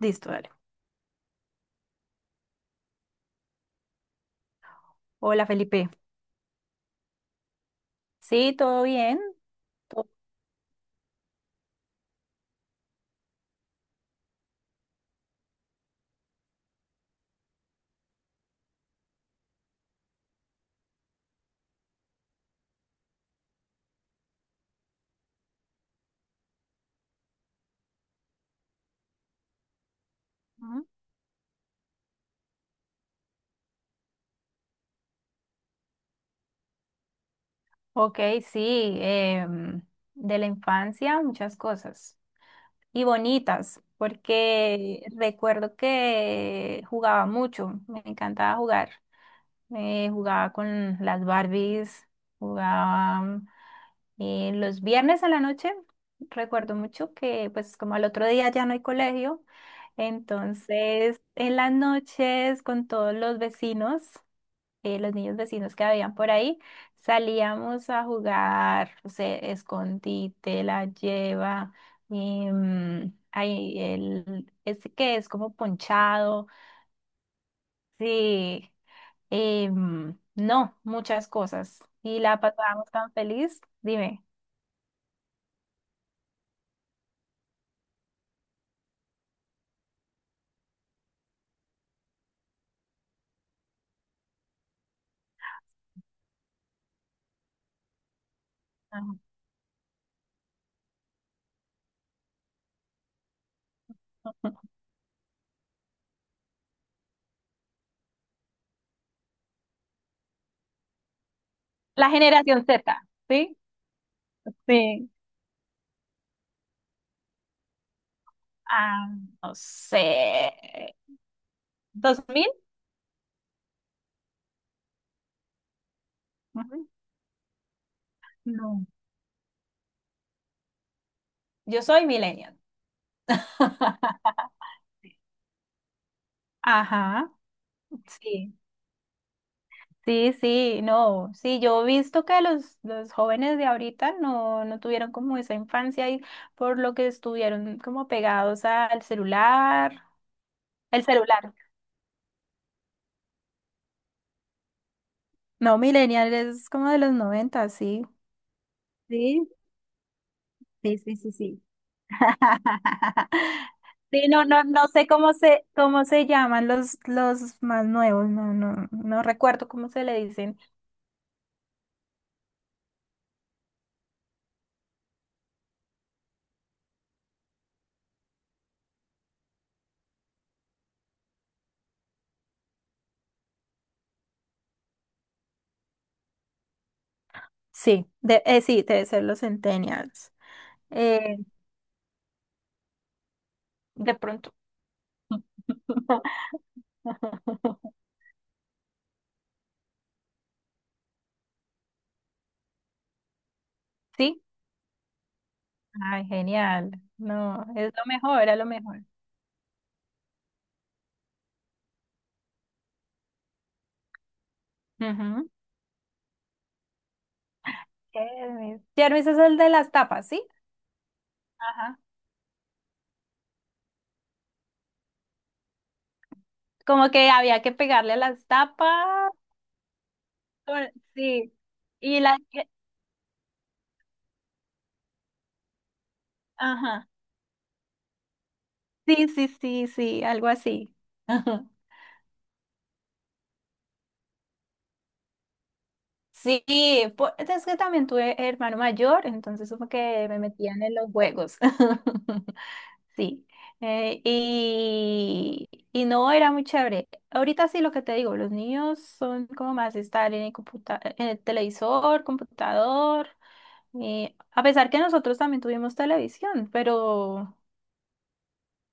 Listo, dale. Hola Felipe. Sí, todo bien. ¿Todo? Ujú. Ok, sí, de la infancia muchas cosas y bonitas, porque recuerdo que jugaba mucho, me encantaba jugar. Jugaba con las Barbies, jugaba los viernes a la noche. Recuerdo mucho que pues como al otro día ya no hay colegio, entonces en las noches con todos los vecinos. Los niños vecinos que habían por ahí, salíamos a jugar, o sea, escondite, la lleva, ahí el, ese que es como ponchado, sí, no, muchas cosas. Y la pasábamos tan feliz, dime. Ajá. La generación Z, ¿sí? Sí. Ah, no sé. ¿2000? Ujú. No. Yo soy millennial. Ajá, sí. Sí, sí, no, sí, yo he visto que los jóvenes de ahorita no, no tuvieron como esa infancia y por lo que estuvieron como pegados al celular, el celular. No, millennial es como de los 90, sí. Sí, sí, sí, sí, sí. Sí, no, no, no sé cómo se llaman los más nuevos, no, no, no recuerdo cómo se le dicen. Sí, de, sí, debe ser los centennials. Eh, de pronto. Sí. Ay, genial. No, es lo mejor, era lo mejor. Ujú. Kermis. Kermis es el de las tapas, ¿sí? Ajá. Como que había que pegarle a las tapas. Sí. Y la... Ajá. Sí, sí, sí, sí, algo así. Ajá. Sí, es que también tuve hermano mayor, entonces como que me metían en los juegos. Sí, y no era muy chévere. Ahorita sí lo que te digo, los niños son como más de estar en el en el televisor, computador, a pesar que nosotros también tuvimos televisión,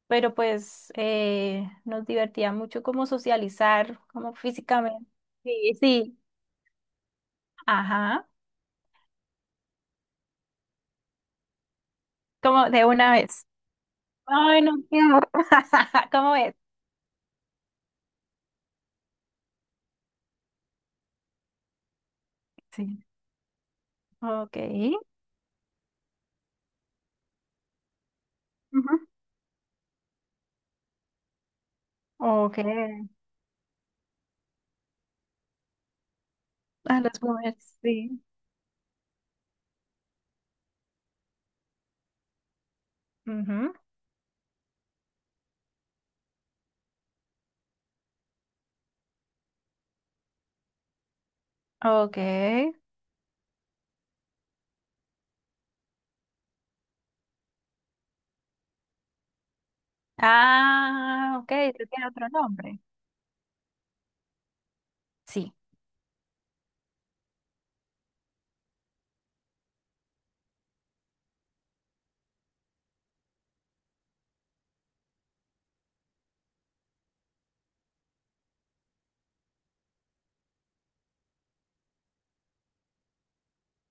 pero pues nos divertía mucho como socializar, como físicamente. Sí, sí, ajá, como de una vez. Ay, no, qué horror. ¿Cómo es? Sí, ok. Ujú. Ok. A las mujeres, sí. Ujú, ok. Ah, ok, eso tiene otro nombre. Sí.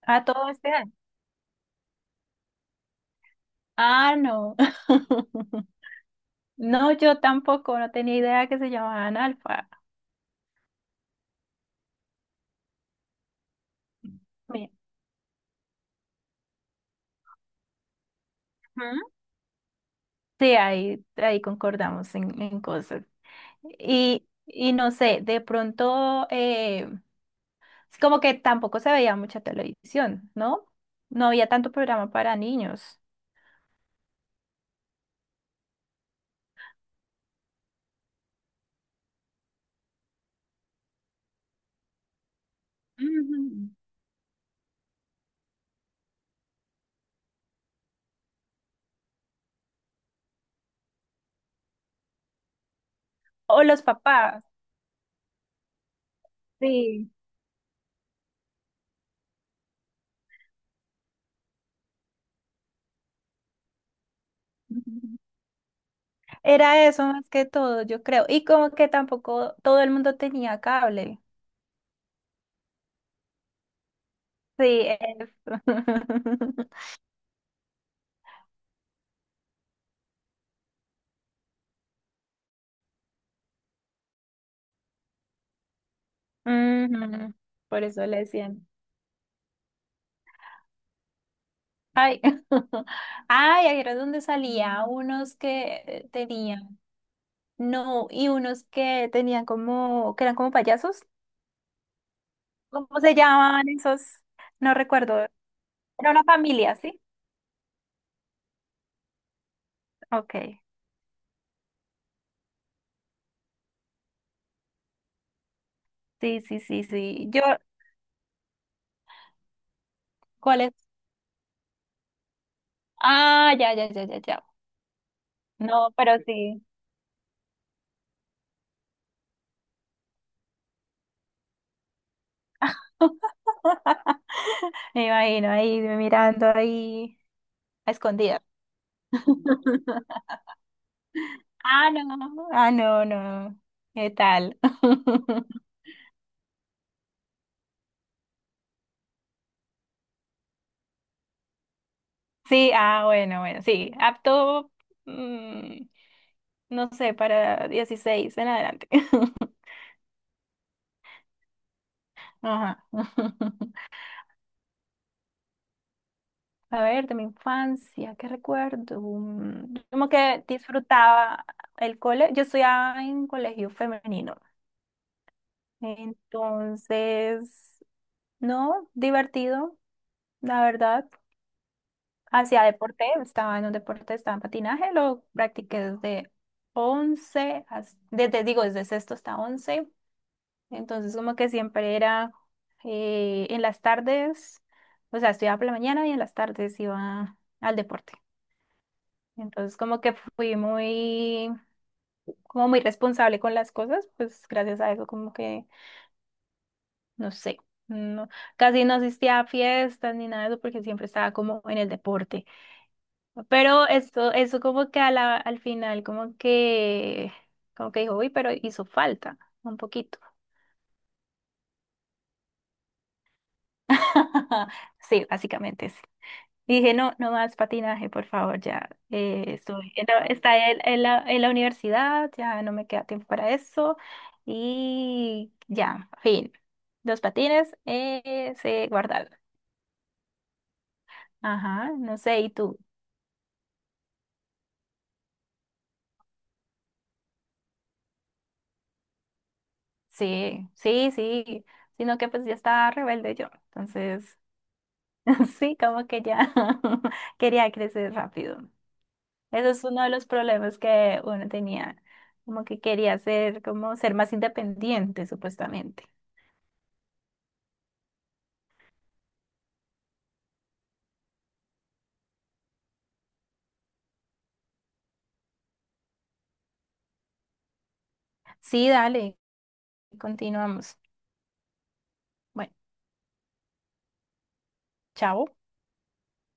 Ah, todo este año. Ah, no. No, yo tampoco, no tenía idea que se llamaban alfa. Mira. Ujú. Sí, ahí, ahí concordamos en cosas. Y no sé, de pronto, es como que tampoco se veía mucha televisión, ¿no? No había tanto programa para niños. Ujú. O los papás. Sí. Era eso más que todo, yo creo. Y como que tampoco todo el mundo tenía cable. Sí, eso. Ujú, por eso le decían. Ay, ay, ahí era donde salía unos que tenían, no, y unos que tenían como, que eran como payasos. ¿Cómo se llamaban esos? No recuerdo. Era una familia, ¿sí? Ok. Sí, sí, sí, sí. Yo, ¿cuál es? Ah, ya, ya, ya, ya, ya. No, pero sí. Me imagino ahí mirando ahí a escondidas. Ah, no, ah, no, no. ¿Qué tal? Sí, ah, bueno, bueno, sí, apto, mm, no sé, para 16 en adelante. Ajá. A ver, de mi infancia, ¿qué recuerdo? Como que disfrutaba el cole. Yo estudiaba en colegio femenino, entonces, no, divertido, la verdad. Hacía deporte, estaba en un deporte, estaba en patinaje, lo practiqué desde desde, digo, desde sexto hasta once, entonces como que siempre era en las tardes, o sea, estudiaba por la mañana y en las tardes iba al deporte, entonces como que fui muy, como muy responsable con las cosas, pues gracias a eso como que, no sé, no, casi no asistía a fiestas ni nada de eso porque siempre estaba como en el deporte. Pero eso como que a al final, como que dijo, uy, pero hizo falta un poquito. Sí, básicamente sí. Dije, no, no más patinaje, por favor, ya. Estoy, en está en la universidad, ya no me queda tiempo para eso. Y ya, fin. Los patines se guardaron. Ajá, no sé, ¿y tú? Sí, sí, sí. Sino que pues ya estaba rebelde yo. Entonces... Sí, como que ya quería crecer rápido. Eso es uno de los problemas que uno tenía, como que quería ser, como ser más independiente, supuestamente. Sí, dale, continuamos. Bueno, chao.